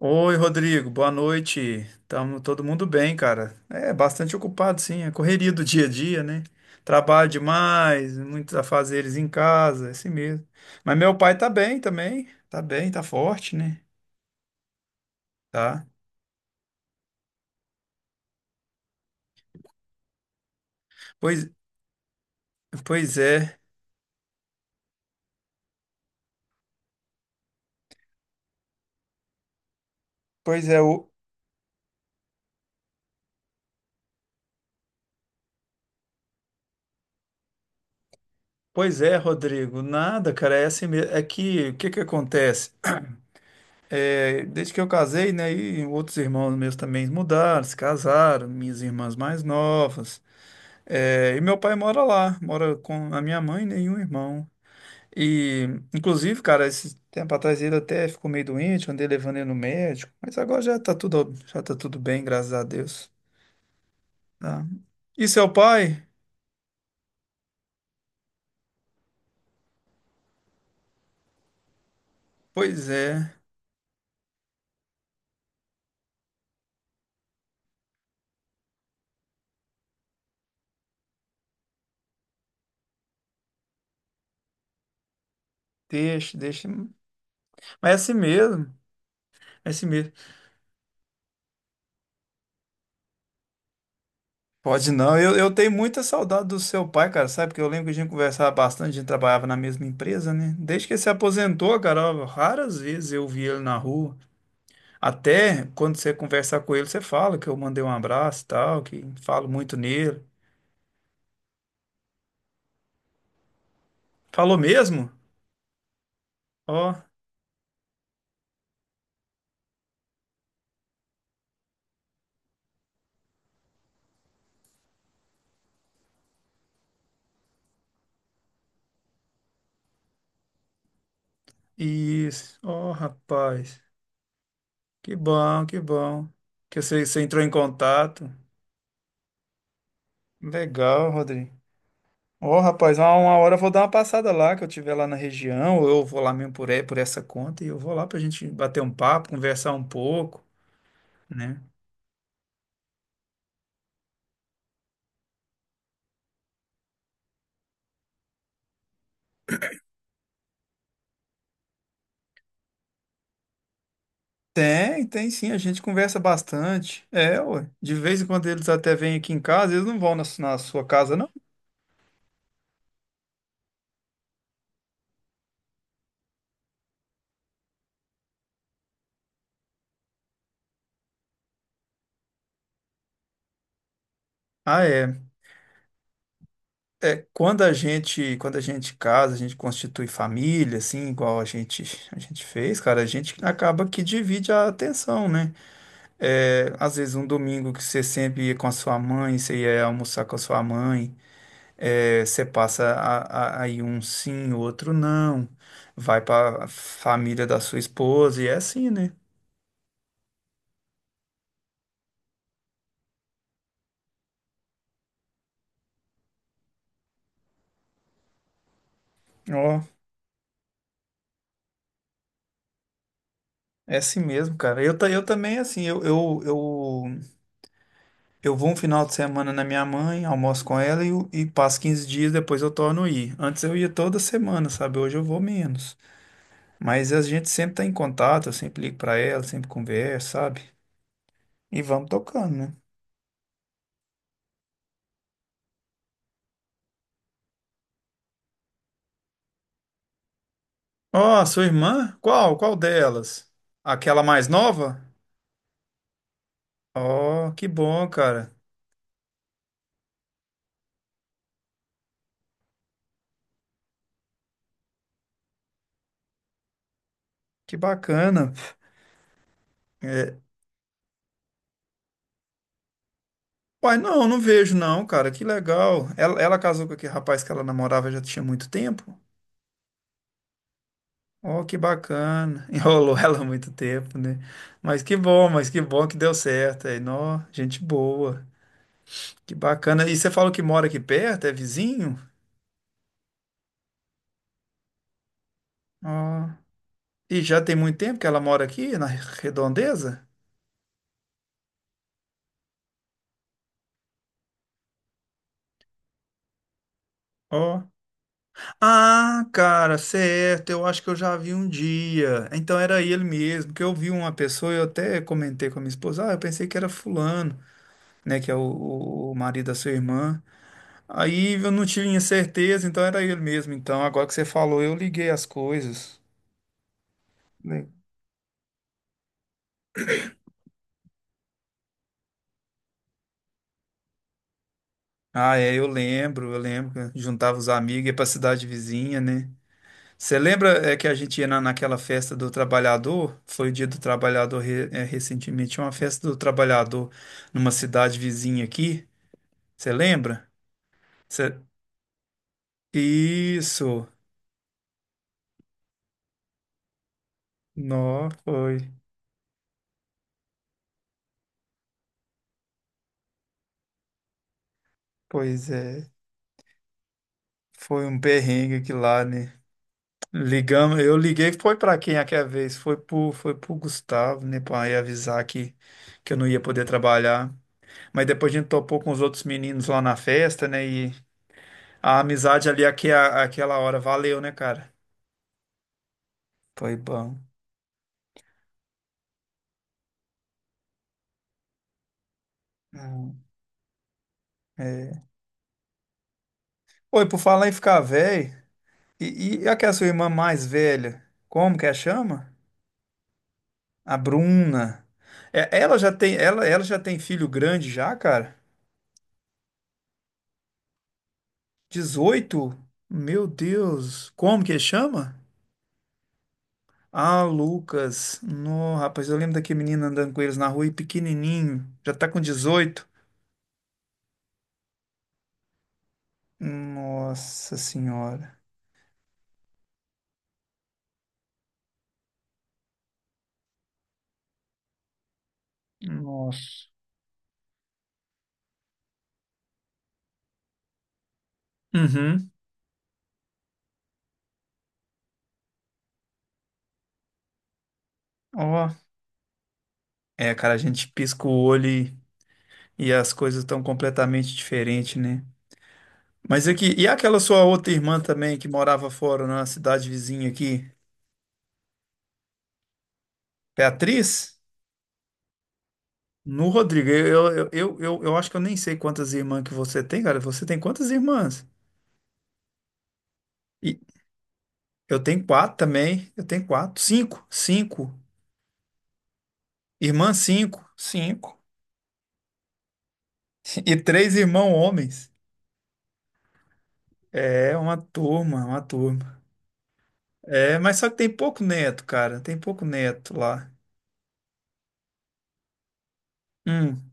Oi, Rodrigo, boa noite. Tamo todo mundo bem, cara. É bastante ocupado, sim. É correria do dia a dia, né? Trabalho demais, muitos afazeres em casa, é assim mesmo. Mas meu pai tá bem também. Tá bem, tá forte, né? Tá. Pois, pois é. Pois é, o, pois é, Rodrigo. Nada, cara, é assim mesmo. É que, o que que acontece? É, desde que eu casei, né? E outros irmãos meus também mudaram, se casaram, minhas irmãs mais novas. É, e meu pai mora lá, mora com a minha mãe, né, e um irmão. E, inclusive, cara, esse tempo atrás ele até ficou meio doente, andei levando ele no médico, mas agora já tá tudo bem, graças a Deus. Tá? E seu pai? Pois é, deixa, deixa. Mas é assim mesmo, é assim mesmo. Pode não, eu tenho muita saudade do seu pai, cara, sabe? Porque eu lembro que a gente conversava bastante, a gente trabalhava na mesma empresa, né? Desde que ele se aposentou, cara, ó, raras vezes eu vi ele na rua. Até quando você conversar com ele, você fala que eu mandei um abraço e tal, que falo muito nele. Falou mesmo? Ó, isso. Ó, rapaz. Que bom, que bom. Que você, você entrou em contato. Legal, Rodrigo. Ó, rapaz, uma hora eu vou dar uma passada lá, que eu estiver lá na região, ou eu vou lá mesmo por, por essa conta, e eu vou lá pra gente bater um papo, conversar um pouco, né? Tem, tem sim, a gente conversa bastante. É, ué. De vez em quando eles até vêm aqui em casa, eles não vão na sua casa, não. Ah, é. É, quando a gente casa, a gente constitui família, assim, a gente fez, cara, a gente acaba que divide a atenção, né? É, às vezes um domingo que você sempre ia com a sua mãe, você ia almoçar com a sua mãe, é, você passa aí um sim, outro não, vai para a família da sua esposa, e é assim, né? Ó. É assim mesmo, cara. Eu também, assim, eu vou um final de semana na minha mãe, almoço com ela e passo 15 dias, depois eu torno a ir. Antes eu ia toda semana, sabe? Hoje eu vou menos. Mas a gente sempre tá em contato, eu sempre ligo pra ela, sempre converso, sabe? E vamos tocando, né? Ó, sua irmã? Qual? Qual delas? Aquela mais nova? Ó, que bom, cara. Que bacana. É, uai, não, não vejo não, cara. Que legal. Ela casou com aquele rapaz que ela namorava já tinha muito tempo? Oh, que bacana. Enrolou ela há muito tempo, né? Mas que bom que deu certo. Aí, nó, gente boa. Que bacana. E você falou que mora aqui perto, é vizinho? Ó. E já tem muito tempo que ela mora aqui, na Redondeza? Ó. Ah, cara, certo. Eu acho que eu já vi um dia. Então era ele mesmo, que eu vi uma pessoa e eu até comentei com a minha esposa, ah, eu pensei que era fulano. Né, que é marido da sua irmã. Aí eu não tinha certeza, então era ele mesmo. Então, agora que você falou, eu liguei as coisas. Né? Ah, é, eu lembro, eu lembro. Que juntava os amigos, ia pra cidade vizinha, né? Você lembra é, que a gente ia naquela festa do trabalhador? Foi o dia do trabalhador é, recentemente, tinha uma festa do trabalhador numa cidade vizinha aqui. Você lembra? Cê- Isso. Não, foi. Pois é. Foi um perrengue aqui lá, né? Ligamos, eu liguei, foi para quem aquela vez? Foi pro Gustavo, né, para avisar que eu não ia poder trabalhar. Mas depois a gente topou com os outros meninos lá na festa, né, e a amizade ali aquela hora valeu, né, cara? Foi bom. Hum, é. Oi, por falar em ficar velho, e aquela sua irmã mais velha, como que a chama? A Bruna. É, ela já tem, ela já tem filho grande já, cara? 18? Meu Deus, como que chama? Ah, Lucas. No, rapaz, eu lembro daquele menino andando com eles na rua e pequenininho. Já tá com 18. Nossa senhora. Nossa. Uhum. Ó. É, cara, a gente pisca o olho e as coisas estão completamente diferentes, né? Mas aqui, e aquela sua outra irmã também que morava fora na cidade vizinha aqui? Beatriz? No Rodrigo, eu acho que eu nem sei quantas irmãs que você tem, cara. Você tem quantas irmãs? Eu tenho quatro também. Eu tenho quatro. Cinco. Cinco. Irmã, cinco. Cinco. E três irmãos homens. É uma turma, uma turma. É, mas só que tem pouco neto, cara. Tem pouco neto lá. Um,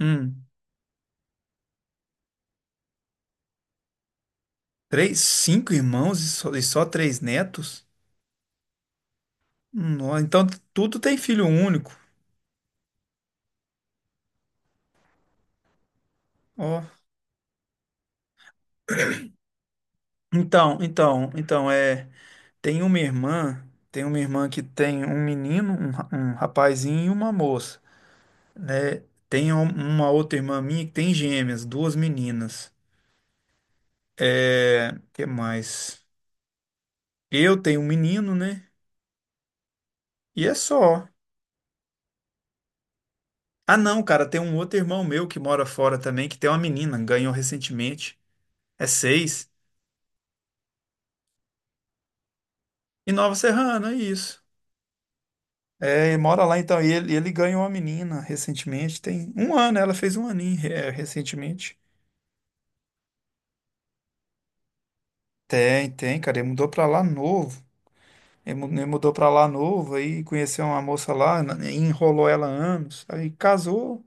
um. Três, cinco irmãos e só três netos? Ó, então tudo tem filho único. Ó. Então, então, então, é. Tem uma irmã. Tem uma irmã que tem um menino, um rapazinho e uma moça. Né? Tem um- uma outra irmã minha que tem gêmeas, duas meninas. É, que mais? Eu tenho um menino, né? E é só. Ah, não, cara, tem um outro irmão meu que mora fora também, que tem uma menina, ganhou recentemente. É seis. E Nova Serrana, é isso. É, ele mora lá então. E ele ganhou uma menina recentemente, tem um ano, ela fez um aninho, é, recentemente. Tem, tem, cara, ele mudou pra lá novo. Ele mudou pra lá novo, aí conheceu uma moça lá, enrolou ela anos, aí casou,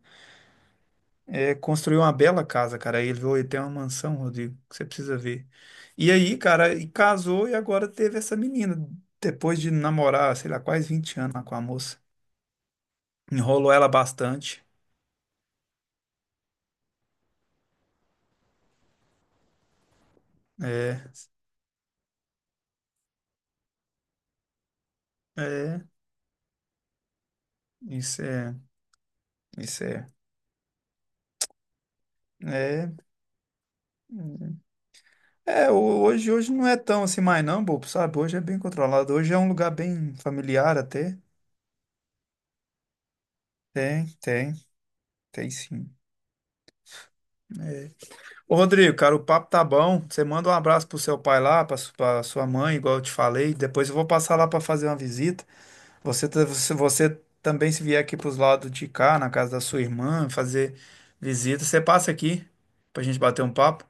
é, construiu uma bela casa, cara. Aí ele veio ter uma mansão, Rodrigo, que você precisa ver. E aí, cara, e casou e agora teve essa menina, depois de namorar, sei lá, quase 20 anos lá com a moça. Enrolou ela bastante. É, é, isso é, isso é. É, é, hoje, hoje não é tão assim mais não, bobo, sabe? Hoje é bem controlado. Hoje é um lugar bem familiar até. Tem, tem. Tem sim. Ô, Rodrigo, cara, o papo tá bom. Você manda um abraço pro seu pai lá, pra sua mãe, igual eu te falei. Depois eu vou passar lá pra fazer uma visita. Se você também se vier aqui pros lados de cá, na casa da sua irmã, fazer visita, você passa aqui pra gente bater um papo.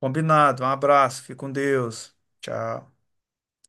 Combinado. Um abraço. Fique com Deus. Tchau.